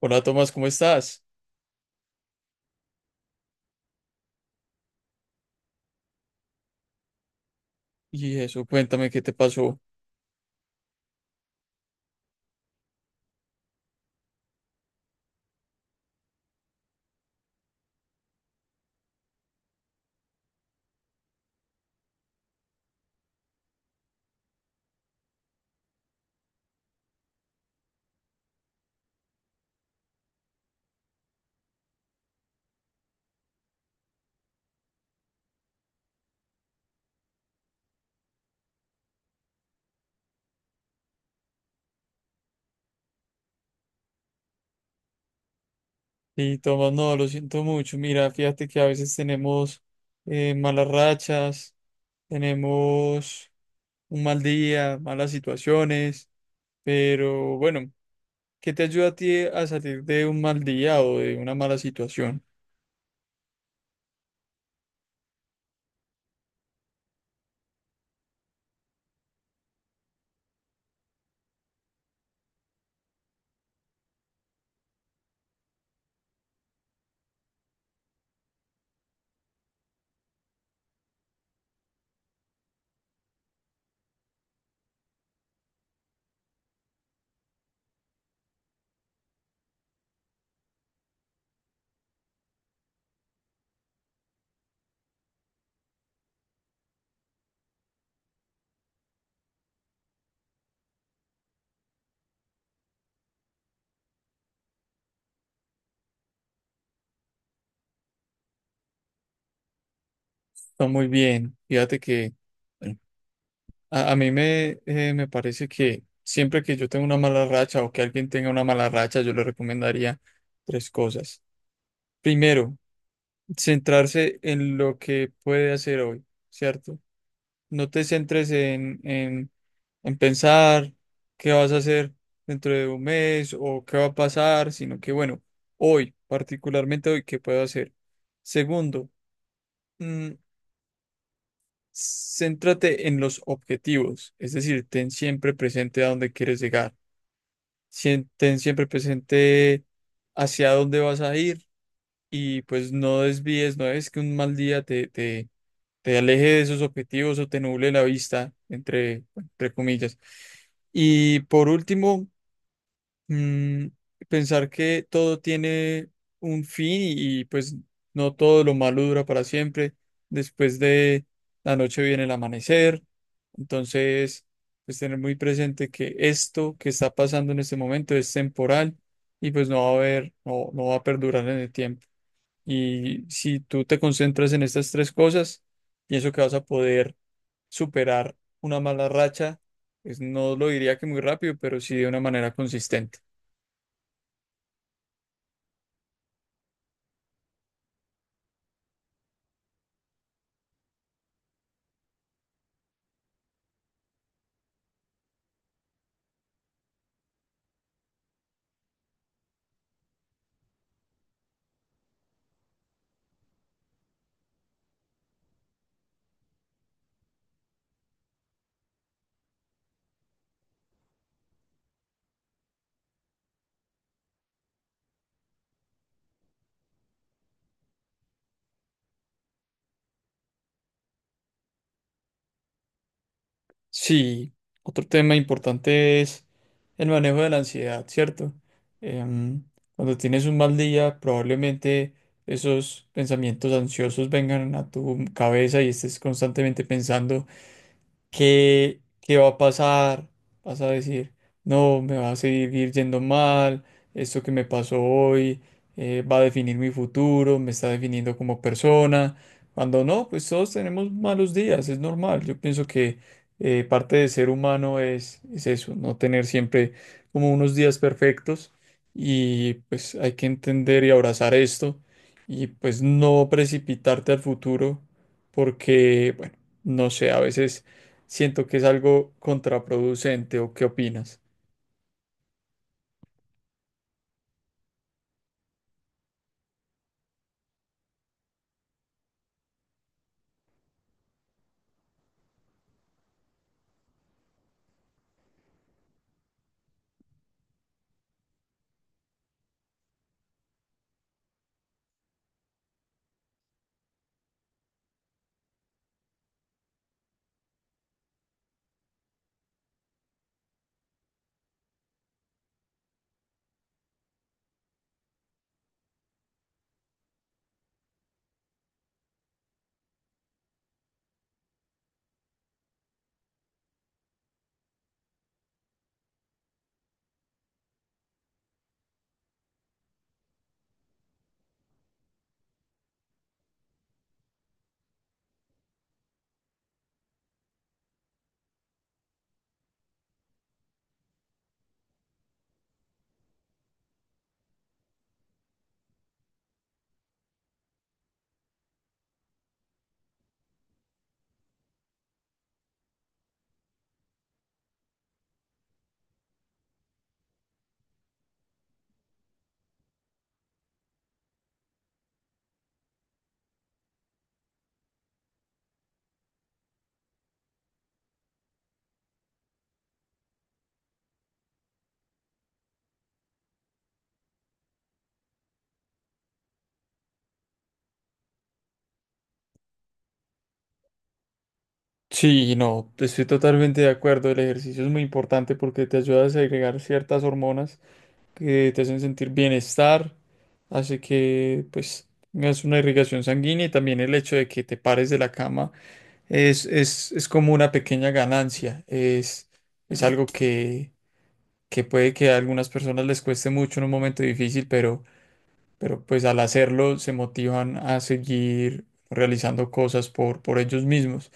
Hola Tomás, ¿cómo estás? Y eso, cuéntame qué te pasó. Y Tomás, no, lo siento mucho. Mira, fíjate que a veces tenemos malas rachas, tenemos un mal día, malas situaciones, pero bueno, ¿qué te ayuda a ti a salir de un mal día o de una mala situación? Está muy bien. Fíjate que bueno, a mí me, me parece que siempre que yo tengo una mala racha o que alguien tenga una mala racha, yo le recomendaría tres cosas. Primero, centrarse en lo que puede hacer hoy, ¿cierto? No te centres en pensar qué vas a hacer dentro de un mes o qué va a pasar, sino que, bueno, hoy, particularmente hoy, ¿qué puedo hacer? Segundo, mm, céntrate en los objetivos, es decir, ten siempre presente a dónde quieres llegar, ten siempre presente hacia dónde vas a ir y pues no desvíes, no es que un mal día te aleje de sus objetivos o te nuble la vista, entre comillas. Y por último, mm, pensar que todo tiene un fin y pues no todo lo malo dura para siempre. Después de la noche viene el amanecer. Entonces, pues tener muy presente que esto que está pasando en este momento es temporal y pues no va a perdurar en el tiempo. Y si tú te concentras en estas tres cosas, pienso que vas a poder superar una mala racha. Pues no lo diría que muy rápido, pero sí de una manera consistente. Sí, otro tema importante es el manejo de la ansiedad, ¿cierto? Em, Cuando tienes un mal día, probablemente esos pensamientos ansiosos vengan a tu cabeza y estés constantemente pensando. ¿ qué va a pasar? Vas a decir, no, me va a seguir yendo mal, esto que me pasó hoy va a definir mi futuro, me está definiendo como persona. Cuando no, pues todos tenemos malos días, es normal. Yo pienso que parte de ser humano es eso, no tener siempre como unos días perfectos y pues hay que entender y abrazar esto y pues no precipitarte al futuro porque, bueno, no sé, a veces... Siento que es algo contraproducente, ¿o qué opinas? Sí, no, estoy totalmente de acuerdo. El ejercicio es muy importante porque te ayuda a segregar ciertas hormonas que te hacen sentir bienestar, hace que pues tengas una irrigación sanguínea y también el hecho de que te pares de la cama es como una pequeña ganancia. Es algo que puede que a algunas personas les cueste mucho en un momento difícil, pero pues al hacerlo se motivan a seguir realizando cosas por ellos mismos.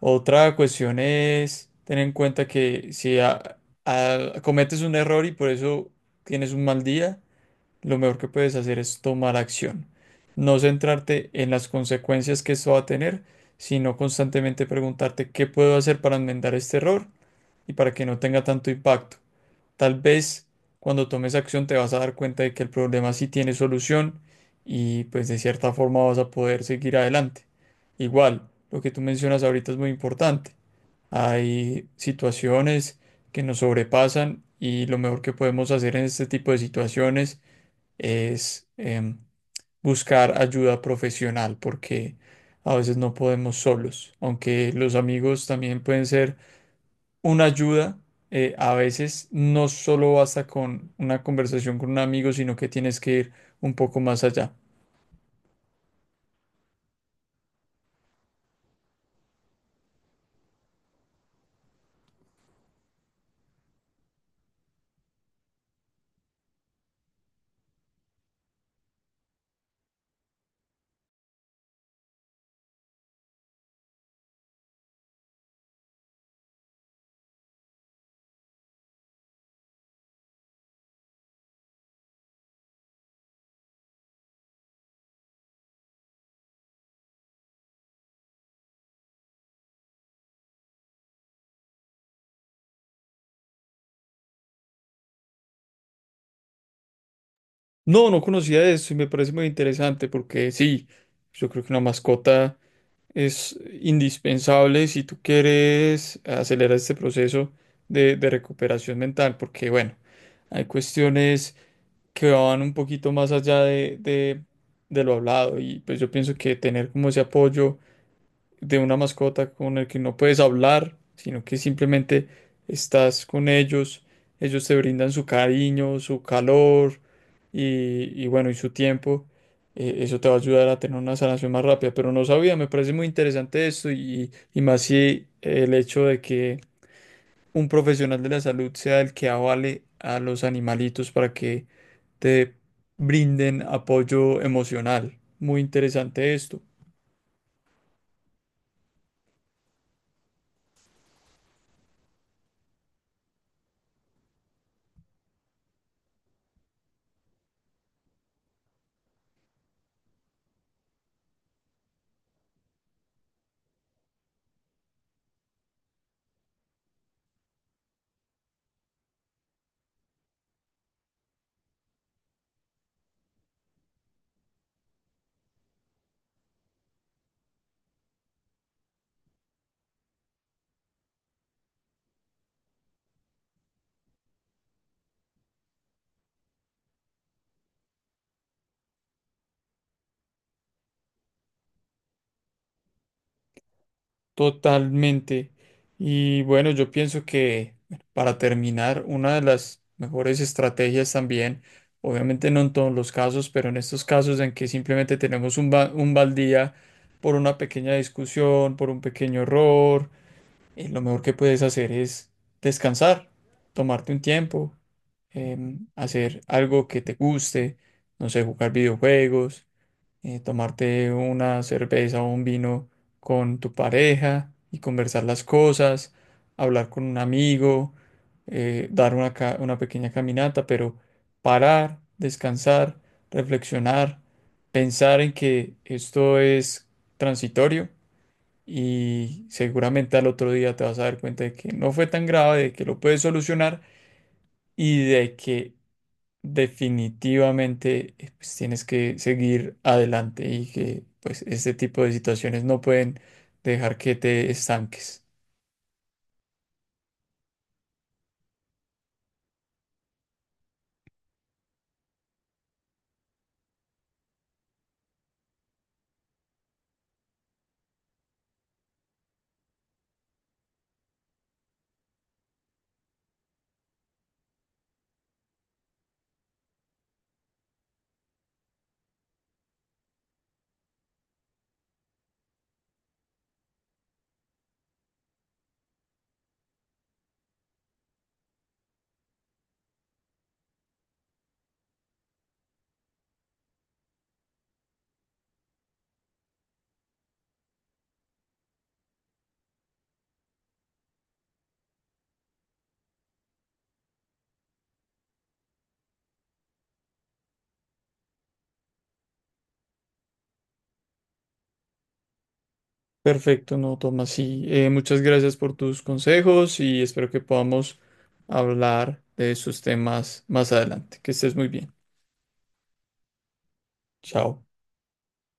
Otra cuestión es tener en cuenta que si cometes un error y por eso tienes un mal día, lo mejor que puedes hacer es tomar acción. No centrarte en las consecuencias que esto va a tener, sino constantemente preguntarte qué puedo hacer para enmendar este error y para que no tenga tanto impacto. Tal vez cuando tomes acción te vas a dar cuenta de que el problema sí tiene solución y pues de cierta forma vas a poder seguir adelante. Igual, lo que tú mencionas ahorita es muy importante. Hay situaciones que nos sobrepasan y lo mejor que podemos hacer en este tipo de situaciones es buscar ayuda profesional porque a veces no podemos solos, aunque los amigos también pueden ser una ayuda, a veces no solo basta con una conversación con un amigo, sino que tienes que ir un poco más allá. No, no conocía eso y me parece muy interesante porque sí, yo creo que una mascota es indispensable si tú quieres acelerar este proceso de recuperación mental, porque bueno, hay cuestiones que van un poquito más allá de de lo hablado y pues yo pienso que tener como ese apoyo de una mascota con el que no puedes hablar, sino que simplemente estás con ellos, ellos te brindan su cariño, su calor y bueno, y su tiempo. Eso te va a ayudar a tener una sanación más rápida, pero no sabía, me parece muy interesante esto y más si el hecho de que un profesional de la salud sea el que avale a los animalitos para que te brinden apoyo emocional. Muy interesante esto. Totalmente. Y bueno, yo pienso que bueno, para terminar, una de las mejores estrategias también, obviamente no en todos los casos, pero en estos casos en que simplemente tenemos un baldía por una pequeña discusión, por un pequeño error, lo mejor que puedes hacer es descansar, tomarte un tiempo, hacer algo que te guste, no sé, jugar videojuegos tomarte una cerveza o un vino con tu pareja y conversar las cosas, hablar con un amigo, dar una pequeña caminata, pero parar, descansar, reflexionar, pensar en que esto es transitorio y seguramente al otro día te vas a dar cuenta de que no fue tan grave, de que lo puedes solucionar y de que definitivamente pues, tienes que seguir adelante y que pues este tipo de situaciones no pueden dejar que te estanques. Perfecto, no, Tomás. Sí, muchas gracias por tus consejos y espero que podamos hablar de esos temas más adelante. Que estés muy bien. Chao.